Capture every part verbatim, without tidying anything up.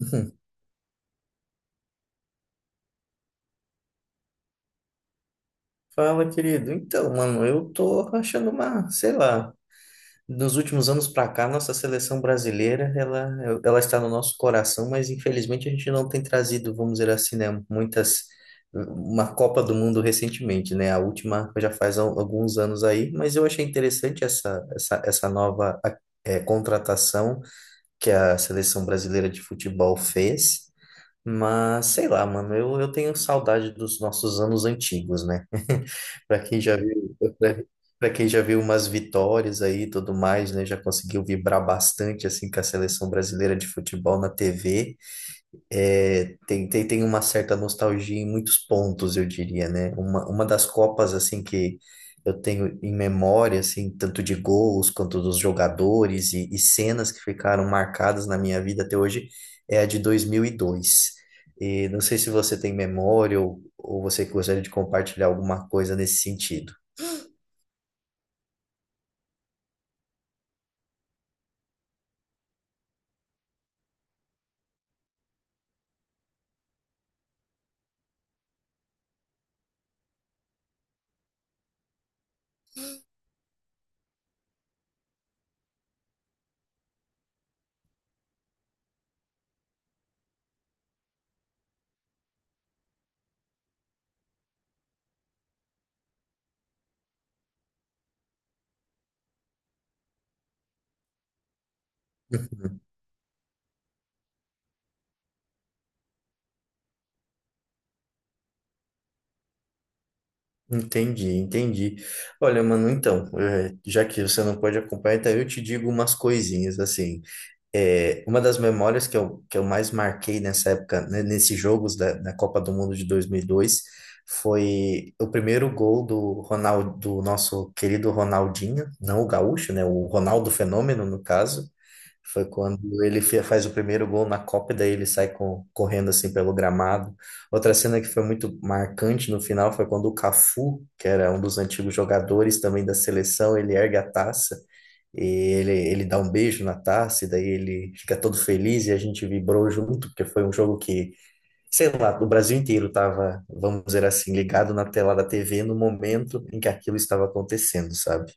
Hum. Fala, querido. Então, mano, eu tô achando uma, sei lá, nos últimos anos pra cá, nossa seleção brasileira, ela, ela está no nosso coração, mas infelizmente a gente não tem trazido, vamos dizer assim, né, muitas, uma Copa do Mundo recentemente, né? A última já faz al- alguns anos aí, mas eu achei interessante essa, essa, essa nova, eh, contratação que a seleção brasileira de futebol fez. Mas sei lá, mano, eu, eu tenho saudade dos nossos anos antigos, né? Para quem já viu, para quem já viu umas vitórias aí e tudo mais, né? Já conseguiu vibrar bastante assim com a seleção brasileira de futebol na tê vê. É, tem, tem, tem uma certa nostalgia em muitos pontos, eu diria, né? Uma, uma das Copas, assim, que eu tenho em memória, assim, tanto de gols quanto dos jogadores e, e cenas que ficaram marcadas na minha vida até hoje, é a de dois mil e dois. E dois. E não sei se você tem memória ou, ou você gostaria de compartilhar alguma coisa nesse sentido. Entendi, entendi. Olha, mano, então, eh, já que você não pode acompanhar, então eu te digo umas coisinhas, assim. É, uma das memórias que eu, que eu mais marquei nessa época, né, nesses jogos da, da Copa do Mundo de dois mil e dois, foi o primeiro gol do Ronaldo, do nosso querido Ronaldinho, não o gaúcho, né, o Ronaldo Fenômeno, no caso, foi quando ele fe- faz o primeiro gol na Copa, e daí ele sai co- correndo assim pelo gramado. Outra cena que foi muito marcante no final foi quando o Cafu, que era um dos antigos jogadores também da seleção, ele ergue a taça e ele, ele dá um beijo na taça, e daí ele fica todo feliz e a gente vibrou junto, porque foi um jogo que, sei lá, o Brasil inteiro estava, vamos dizer assim, ligado na tela da tê vê no momento em que aquilo estava acontecendo, sabe?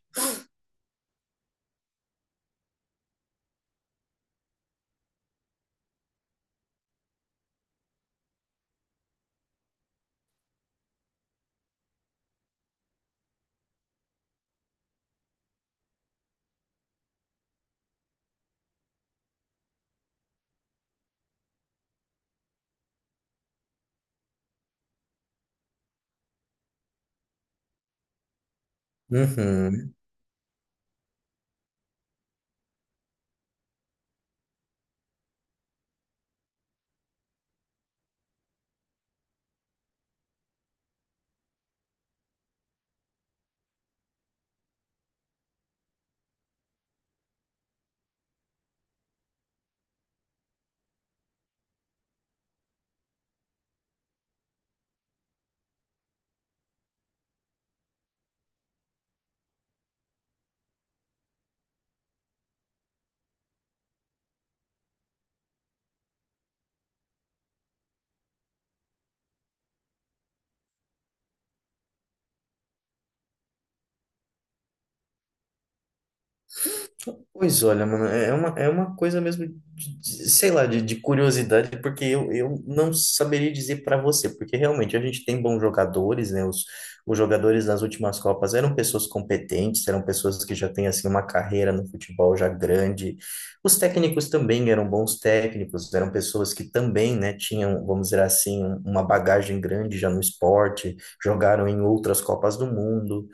Uhum. Pois olha, mano, é uma, é uma coisa mesmo, de- de- sei lá, de, de curiosidade, porque eu, eu não saberia dizer para você, porque realmente a gente tem bons jogadores, né? Os, os jogadores nas últimas Copas eram pessoas competentes, eram pessoas que já têm, assim, uma carreira no futebol já grande. Os técnicos também eram bons técnicos, eram pessoas que também, né, tinham, vamos dizer assim, um- uma bagagem grande já no esporte, jogaram em outras Copas do Mundo.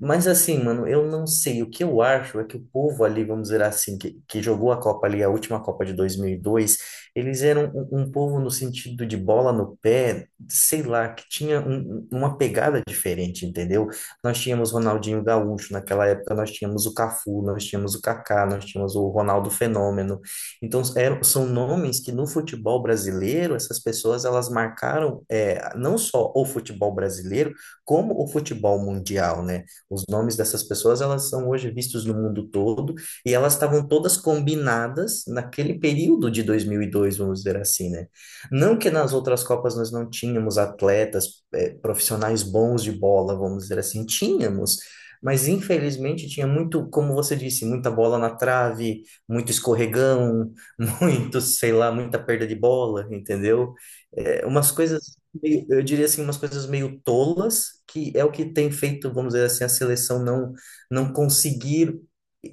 Mas assim, mano, eu não sei. O que eu acho é que o povo ali, vamos dizer assim, que, que jogou a Copa ali, a última Copa de dois mil e dois, eles eram um, um povo no sentido de bola no pé, sei lá, que tinha um- um- uma pegada diferente, entendeu? Nós tínhamos Ronaldinho Gaúcho naquela época, nós tínhamos o Cafu, nós tínhamos o Kaká, nós tínhamos o Ronaldo Fenômeno. Então, eram, são nomes que no futebol brasileiro, essas pessoas, elas marcaram é, não só o futebol brasileiro, como o futebol mundial, né? Os nomes dessas pessoas, elas são hoje vistos no mundo todo e elas estavam todas combinadas naquele período de dois mil e dois, vamos dizer assim, né? Não que nas outras Copas nós não tínhamos atletas, eh, profissionais bons de bola, vamos dizer assim, tínhamos, mas infelizmente tinha muito, como você disse, muita bola na trave, muito escorregão, muito, sei lá, muita perda de bola, entendeu? É, umas coisas meio- eu diria assim, umas coisas meio tolas, que é o que tem feito, vamos dizer assim, a seleção não, não conseguir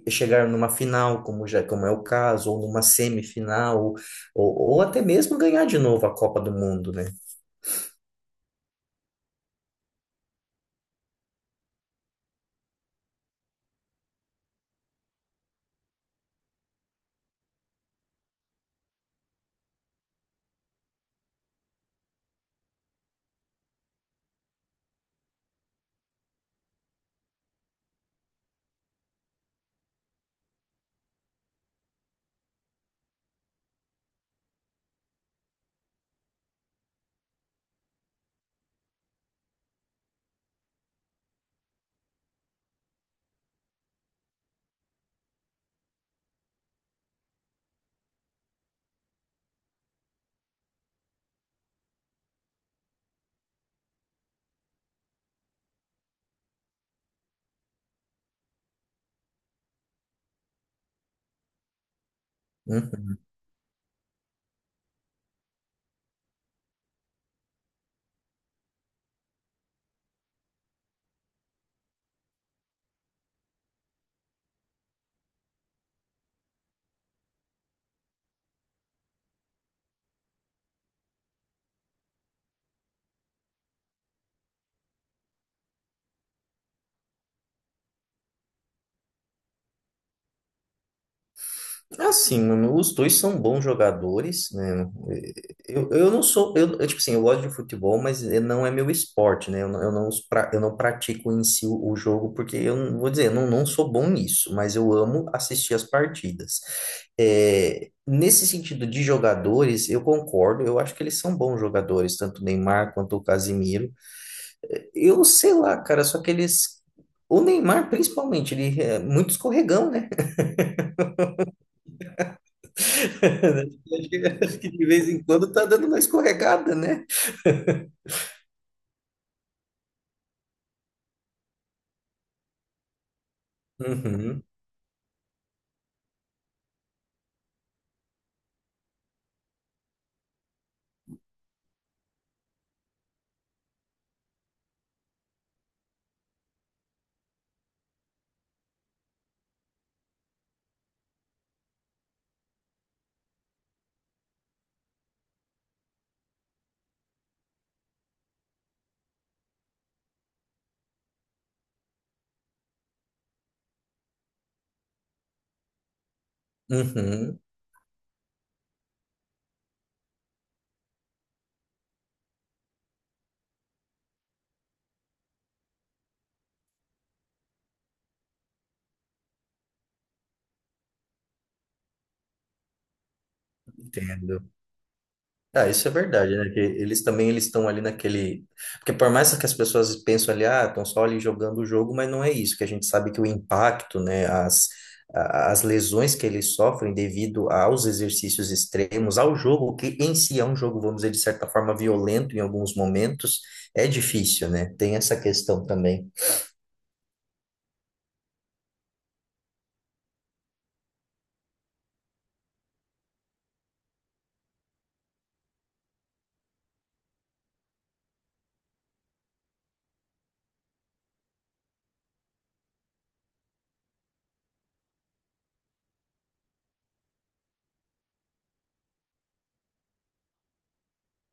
chegar numa final, como já, como é o caso, ou numa semifinal, ou, ou até mesmo ganhar de novo a Copa do Mundo, né? Uhum. Assim, mano, os dois são bons jogadores, né? Eu, eu não sou, eu, eu, tipo assim, eu gosto de futebol, mas eh, não é meu esporte, né? Eu, não- eu não, os pra- eu não pratico em si o, o jogo, porque eu não vou dizer, eu não, não sou bom nisso, mas eu amo assistir as partidas. É, nesse sentido de jogadores, eu concordo, eu acho que eles são bons jogadores, tanto o Neymar quanto o Casimiro. Eu sei lá, cara, só que eles. O Neymar, principalmente, ele é muito escorregão, né? Acho que acho que de vez em quando tá dando uma escorregada, né? Uhum, uhum, entendo. Ah, isso é verdade, né? Que eles também eles estão ali naquele. Porque por mais que as pessoas pensam ali, ah, estão só ali jogando o jogo, mas não é isso, que a gente sabe que o impacto, né, as, a- as lesões que eles sofrem devido aos exercícios extremos, ao jogo, que em si é um jogo, vamos dizer, de certa forma, violento em alguns momentos, é difícil, né? Tem essa questão também.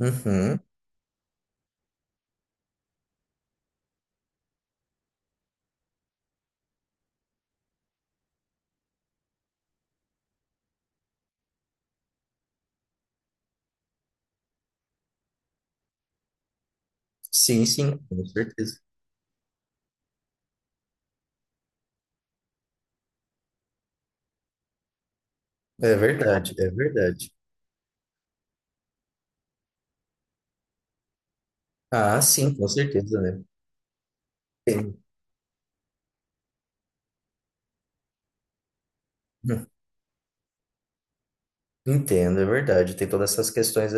Uhum. Sim, sim, com certeza. É verdade, é verdade. Ah, sim, com certeza, né? Tem. Hum, Entendo, é verdade. Tem todas essas questões,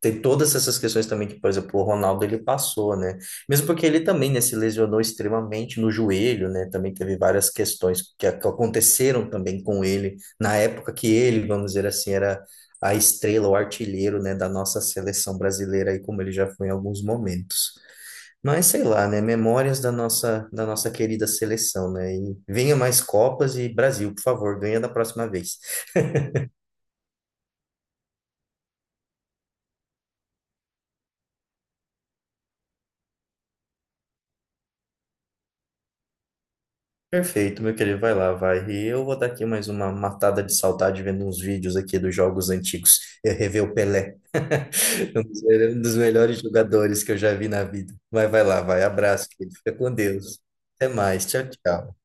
tem todas essas questões também que, por exemplo, o Ronaldo ele passou, né? Mesmo porque ele também, né, se lesionou extremamente no joelho, né? Também teve várias questões que, a- que aconteceram também com ele na época que ele, vamos dizer assim, era a estrela, o artilheiro, né, da nossa seleção brasileira aí como ele já foi em alguns momentos. Mas sei lá, né? Memórias da nossa, da nossa querida seleção, né? E venha mais Copas e Brasil, por favor, ganha da próxima vez. Perfeito, meu querido, vai lá, vai. E eu vou dar aqui mais uma matada de saudade vendo uns vídeos aqui dos jogos antigos. Eu rever o Pelé, um dos um dos melhores jogadores que eu já vi na vida. Mas vai lá, vai. Abraço, querido. Fica com Deus. Até mais. Tchau, tchau.